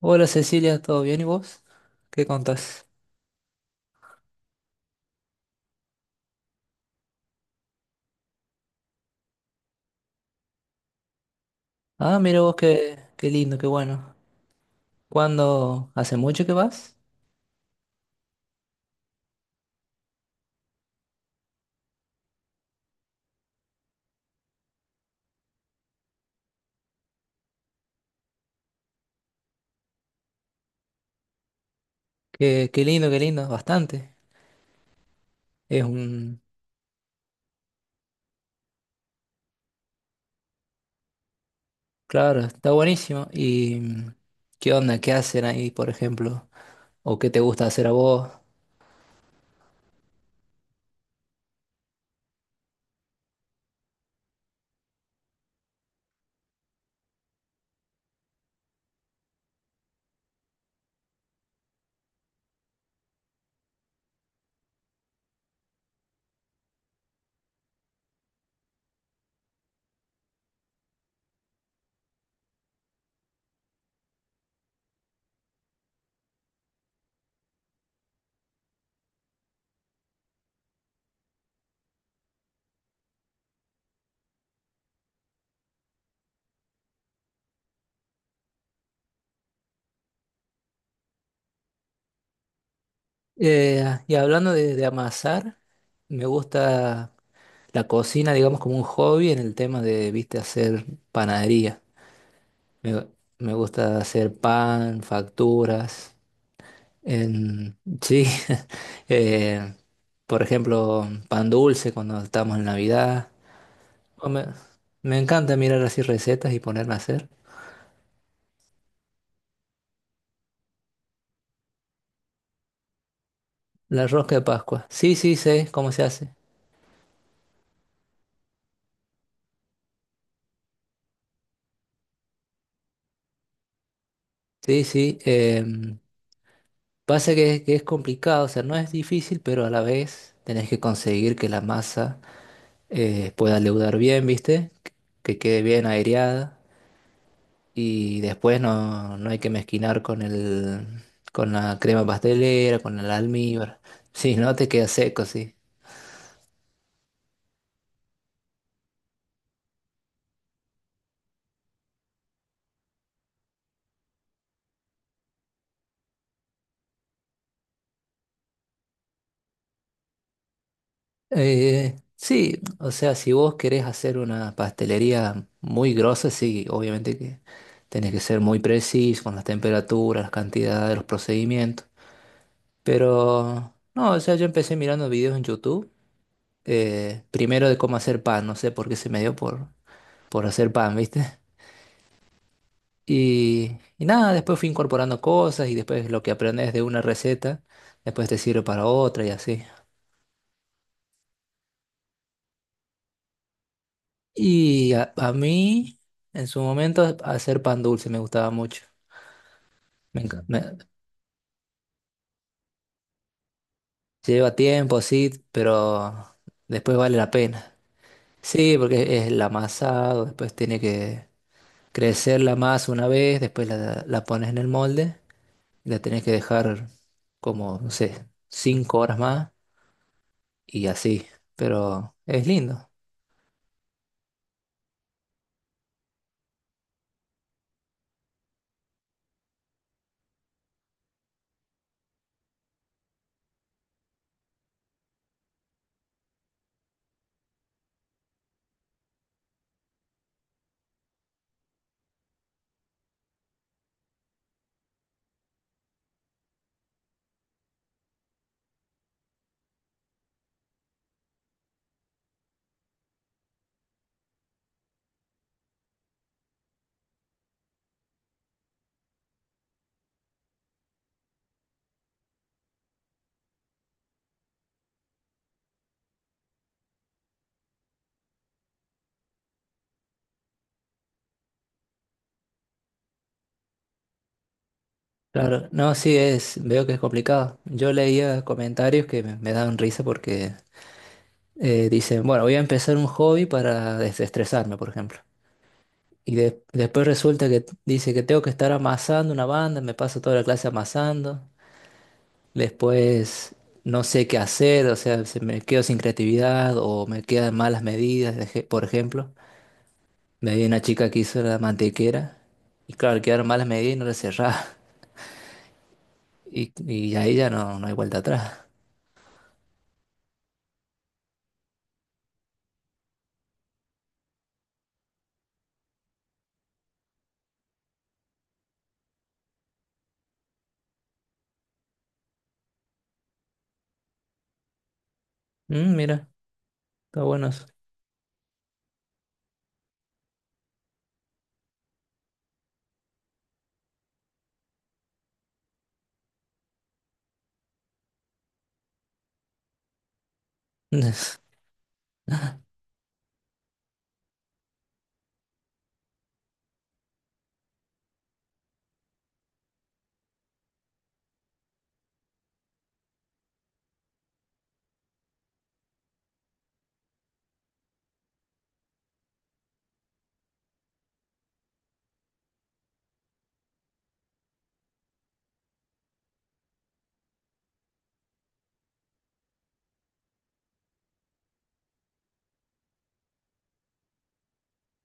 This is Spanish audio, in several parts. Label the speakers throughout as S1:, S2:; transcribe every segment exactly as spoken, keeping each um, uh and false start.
S1: Hola Cecilia, ¿todo bien y vos? ¿Qué contás? Ah, mira vos, qué, qué lindo, qué bueno. ¿Cuándo? ¿Hace mucho que vas? Qué, qué lindo, qué lindo, bastante. Es un... Claro, está buenísimo. ¿Y mm, qué onda? ¿Qué hacen ahí, por ejemplo? ¿O qué te gusta hacer a vos? Eh, ah, y hablando de, de amasar, me gusta la cocina, digamos, como un hobby en el tema de, viste, hacer panadería. Me, me gusta hacer pan, facturas. En- sí, eh, por ejemplo, pan dulce cuando estamos en Navidad. O Me, me encanta mirar así recetas y ponerme a hacer. La rosca de Pascua. Sí, sí, sé cómo se hace. Sí, sí. Em, pasa que, que es complicado, o sea, no es difícil, pero a la vez tenés que conseguir que la masa eh, pueda leudar bien, ¿viste? Que que quede bien aireada. Y después no, no hay que mezquinar con el, con la crema pastelera, con el almíbar. Si no te queda seco, sí. Eh, sí, o sea, si vos querés hacer una pastelería muy grosa, sí, obviamente que tenés que ser muy preciso con las temperaturas, las cantidades, los procedimientos. Pero no, o sea, yo empecé mirando videos en YouTube, eh, primero de cómo hacer pan, no sé por qué se me dio por, por hacer pan, ¿viste? Y, y nada, después fui incorporando cosas y después lo que aprendes de una receta, después te sirve para otra y así. Y a, a mí, en su momento, hacer pan dulce me gustaba mucho. Me enca- me- Lleva tiempo, sí, pero después vale la pena. Sí, porque es el amasado, después tiene que crecer la masa una vez, después la, la pones en el molde, y la tenés que dejar como, no sé, cinco horas más y así. Pero es lindo. Claro, no, sí es, veo que es complicado. Yo leía comentarios que me, me daban risa porque eh, dicen, bueno, voy a empezar un hobby para desestresarme, por ejemplo. Y de- después resulta que dice que tengo que estar amasando una banda, me paso toda la clase amasando. Después no sé qué hacer, o sea, se me quedo sin creatividad o me quedan malas medidas, deje- por ejemplo. Me vi una chica que hizo la mantequera y claro, quedaron malas medidas y no la cerraba. Y, y ahí ya no, no hay vuelta atrás. Mm, mira. Está bueno eso.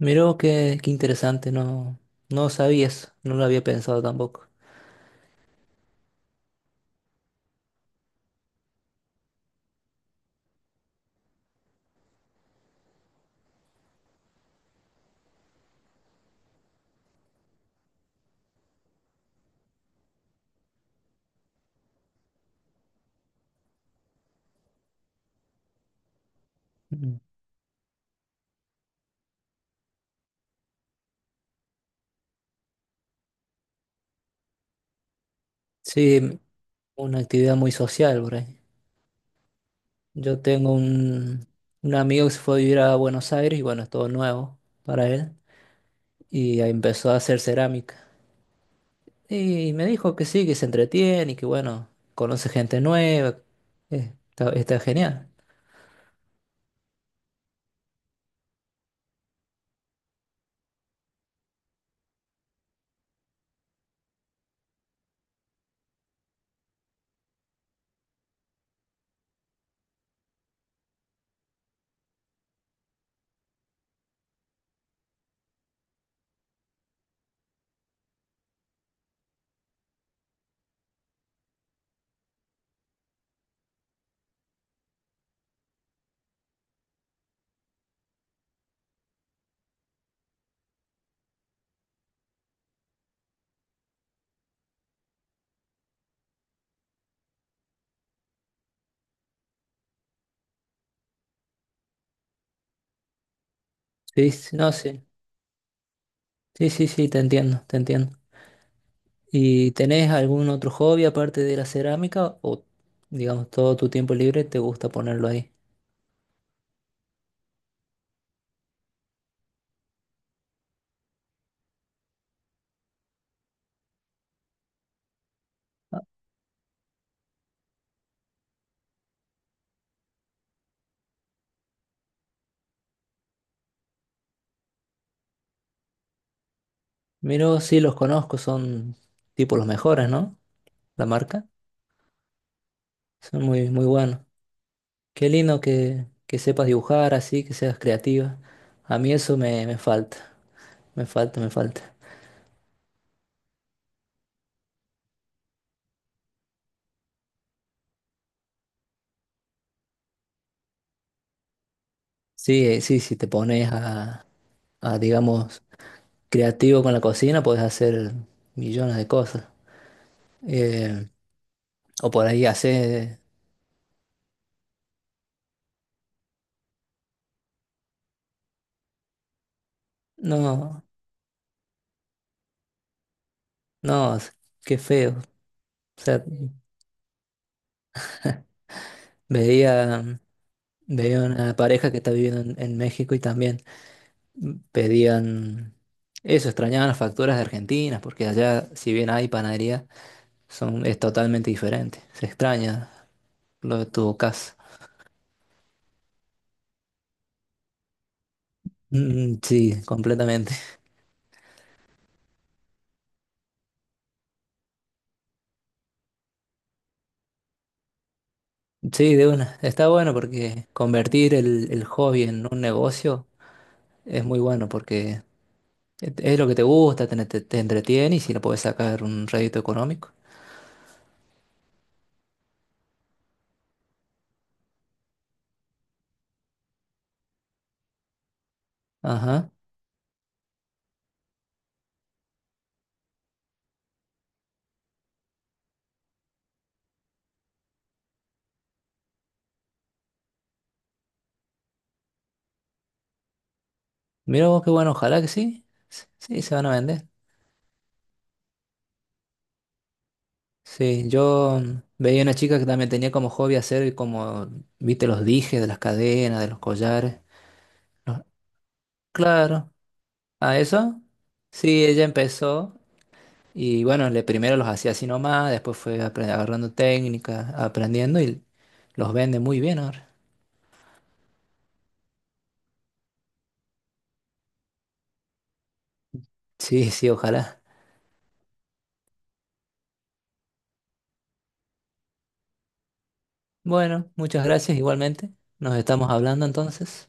S1: Miró qué, qué interesante, no, no sabías, no lo había pensado tampoco. Mm. Sí, una actividad muy social por ahí. Yo tengo un, un amigo que se fue a vivir a Buenos Aires y bueno, es todo nuevo para él. Y ahí empezó a hacer cerámica. Y me dijo que sí, que se entretiene y que bueno, conoce gente nueva. Eh, está, está genial. Sí, sí, no, sí. Sí, sí, sí, te entiendo, te entiendo. ¿Y tenés algún otro hobby aparte de la cerámica o, digamos, todo tu tiempo libre te gusta ponerlo ahí? Ah, Miro, sí, los conozco, son tipo los mejores, ¿no? La marca. Son muy, muy buenos. Qué lindo que, que sepas dibujar así, que seas creativa. A mí eso me, me falta, me falta, me falta. Sí, eh, sí, si te pones a, a, digamos, creativo con la cocina, puedes hacer millones de cosas. Eh, o por ahí hacer. No, no, qué feo. O sea, veía, veía una pareja que está viviendo en, en México y también pedían eso, extrañaban las facturas de Argentina, porque allá, si bien hay panadería, son, es totalmente diferente. Se extraña lo de tu casa. Mm, sí, completamente. Sí, de una. Está bueno porque convertir el, el hobby en un negocio es muy bueno porque es es lo que te gusta, te, te- te entretiene y si lo puedes sacar un rédito económico. Ajá. Mira vos, qué bueno, ojalá que sí. Sí, se van a vender. Sí, yo mm, veía una chica que también tenía como hobby hacer como, viste, los dijes de las cadenas, de los collares. Los- Claro, ¿a eso? Sí, ella empezó y bueno, le primero los hacía así nomás, después fue apre- agarrando técnicas, aprendiendo y los vende muy bien ahora. Sí, sí, ojalá. Bueno, muchas gracias igualmente. Nos estamos hablando entonces.